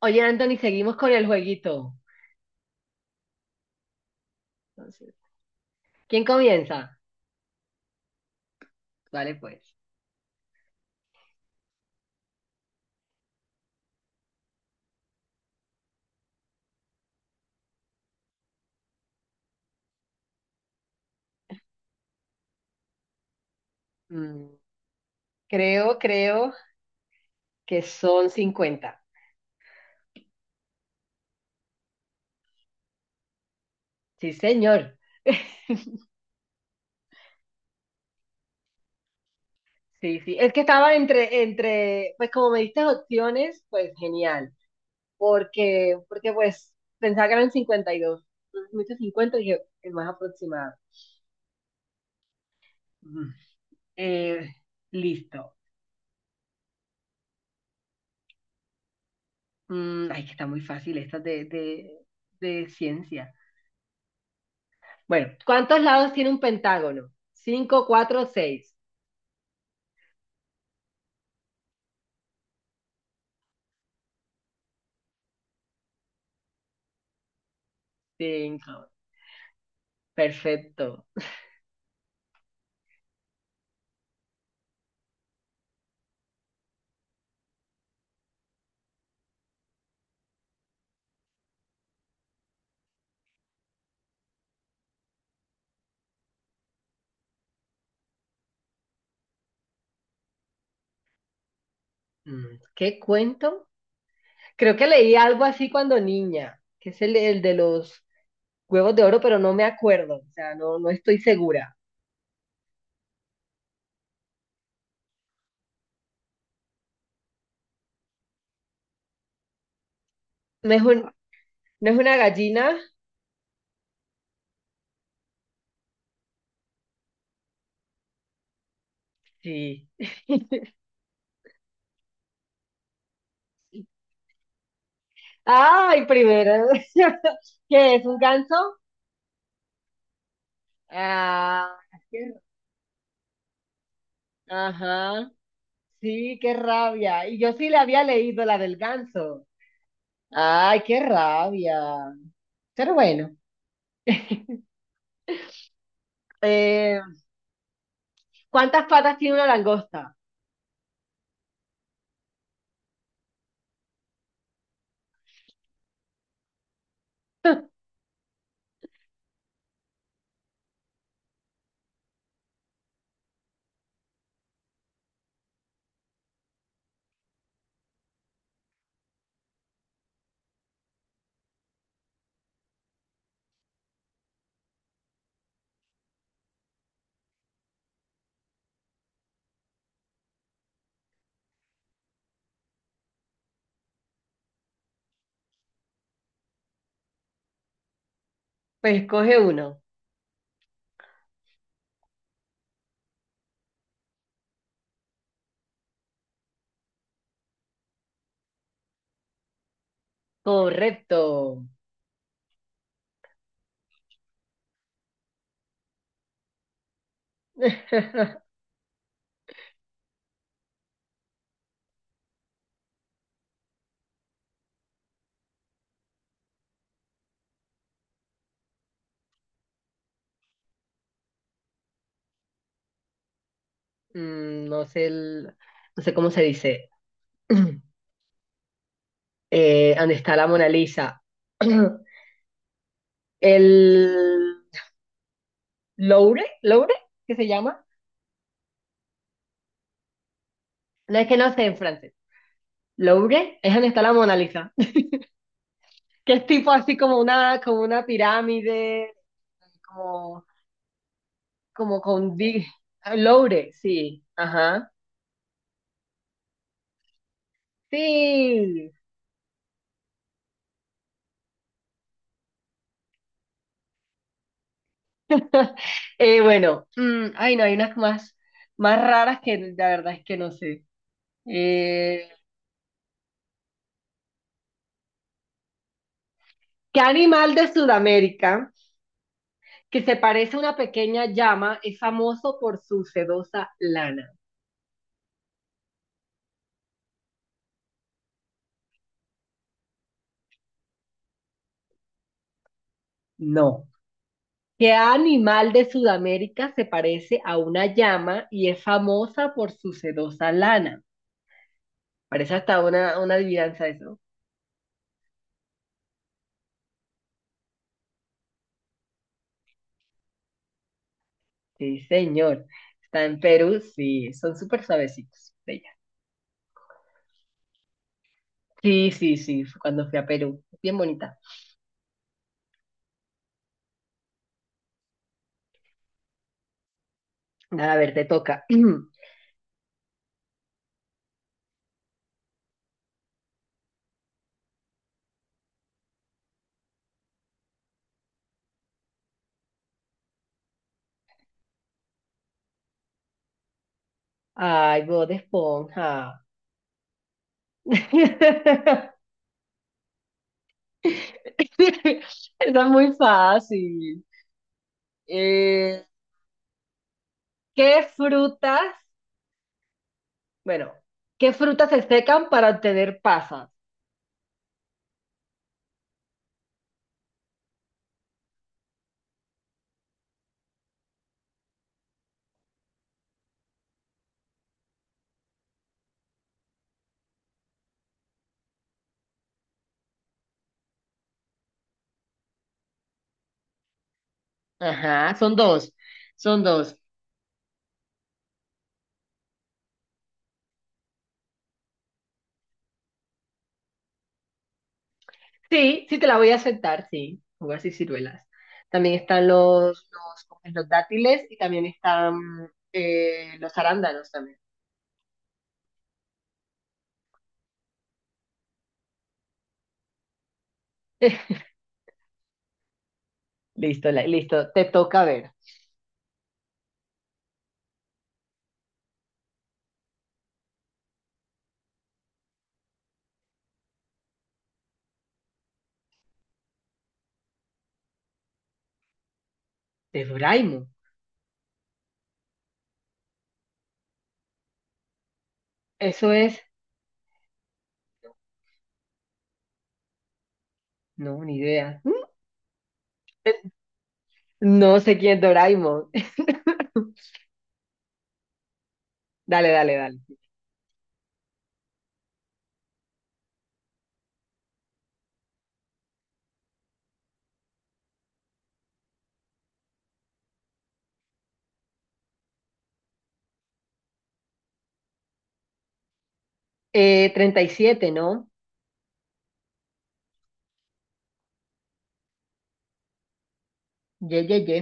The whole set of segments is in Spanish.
Oye, Anthony, seguimos con el jueguito. Entonces, ¿quién comienza? Vale, pues. Mm, creo que son 50. Sí, señor. Sí, sí. Es que estaba pues como me diste opciones, pues genial. Porque pues pensaba que eran 52. Entonces me hice 50 y dije, el más aproximado. Ujú. Eh, listo. Mm, ay, que está muy fácil esta de ciencia. Bueno, ¿cuántos lados tiene un pentágono? Cinco, cuatro, seis. Cinco. Perfecto. Mm, ¿qué cuento? Creo que leí algo así cuando niña, que es el de los huevos de oro, pero no me acuerdo. O sea, no, no estoy segura. ¿No es un, ¿no es una gallina? Sí. Ay, primero. ¿Qué es? ¿Un ganso? Ah, qué- ajá. Sí, qué rabia. Y yo sí la había leído, la del ganso. Ay, qué rabia. Pero bueno, eh, ¿cuántas patas tiene una langosta? Pues coge uno. Correcto. No sé no sé cómo se dice. ¿Dónde está la Mona Lisa? El Louvre, ¿qué se llama? No es que no sé en francés. Louvre es donde está la Mona Lisa, que es tipo así como como una pirámide, como, como con di- Louvre, sí, ajá. Sí. Bueno, ay no, hay unas más raras que la verdad es que no sé. Eh, ¿Qué animal de Sudamérica que se parece a una pequeña llama es famoso por su sedosa lana? No. ¿Qué animal de Sudamérica se parece a una llama y es famosa por su sedosa lana? Parece hasta una adivinanza eso. Sí, señor. Está en Perú, sí, son súper suavecitos. Sí, sí, sí, fue cuando fui a Perú. Bien bonita. A ver, te toca. Ay, Bob Esponja. Está muy fácil. Eh, ¿qué frutas, bueno, qué frutas se secan para obtener pasas? Ajá, son dos, son dos. Sí, sí te la voy a aceptar, sí. Uvas y ciruelas. También están ¿cómo es? Los dátiles y también están los arándanos también. Listo, listo. Te toca ver. De Doraemon. Eso es. No, ni idea. Eh, no sé quién es Doraemon. Dale, dale, dale. 37, ¿no? Ye, ye, ye.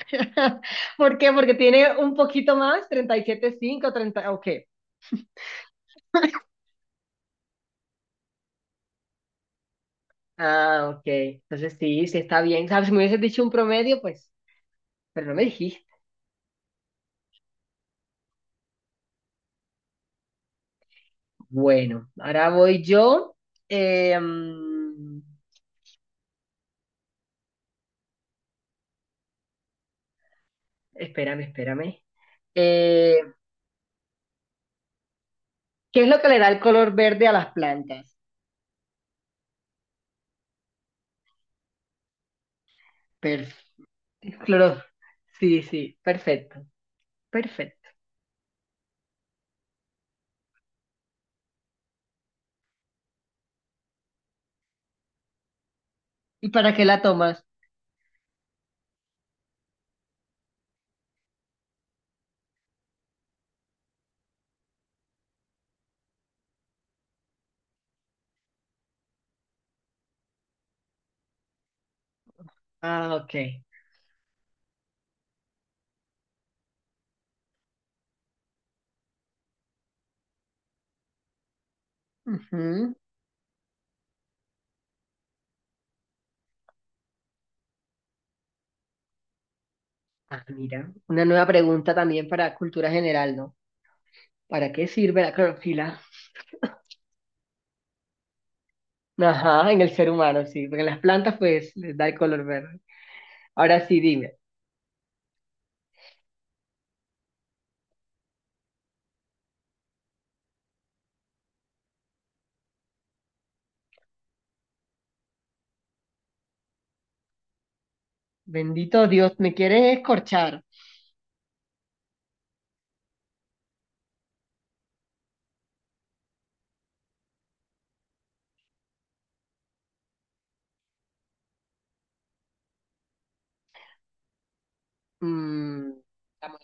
¿Por qué? Porque tiene un poquito más. 37,5, 30. Ok. Ah, ok. Entonces sí, sí está bien. ¿Sabes? Si me hubieses dicho un promedio, pues. Pero no me dijiste. Bueno, ahora voy yo. Eh, mm, espérame. Eh, ¿Qué es lo que le da el color verde a las plantas? Per- cloro- Sí, sí, perfecto. ¿Y para qué la tomas? Ah, ok. Ujú. Ah, mira, una nueva pregunta también para cultura general, ¿no? ¿Para qué sirve la clorofila? Ajá, en el ser humano, sí, porque en las plantas pues les da el color verde. Ahora sí, dime, bendito Dios, ¿me quieres escorchar? Mm, la mo-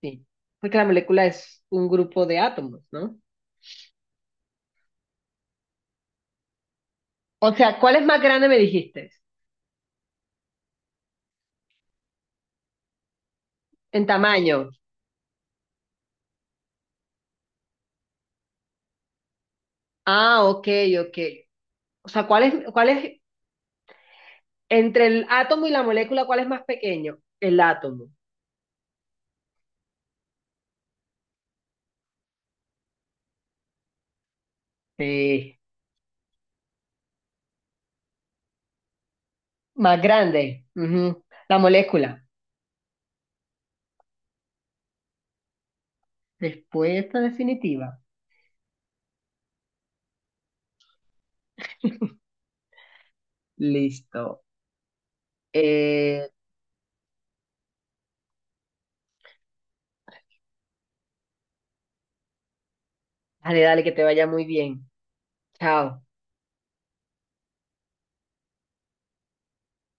sí, porque la molécula es un grupo de átomos, ¿no? O sea, ¿cuál es más grande me dijiste? En tamaño. Ah, ok. O sea, entre el átomo y la molécula, ¿cuál es más pequeño? El átomo. Sí. Más grande. Ujú. La molécula. Respuesta definitiva. Listo. Eh, dale, dale, que te vaya muy bien. Chao.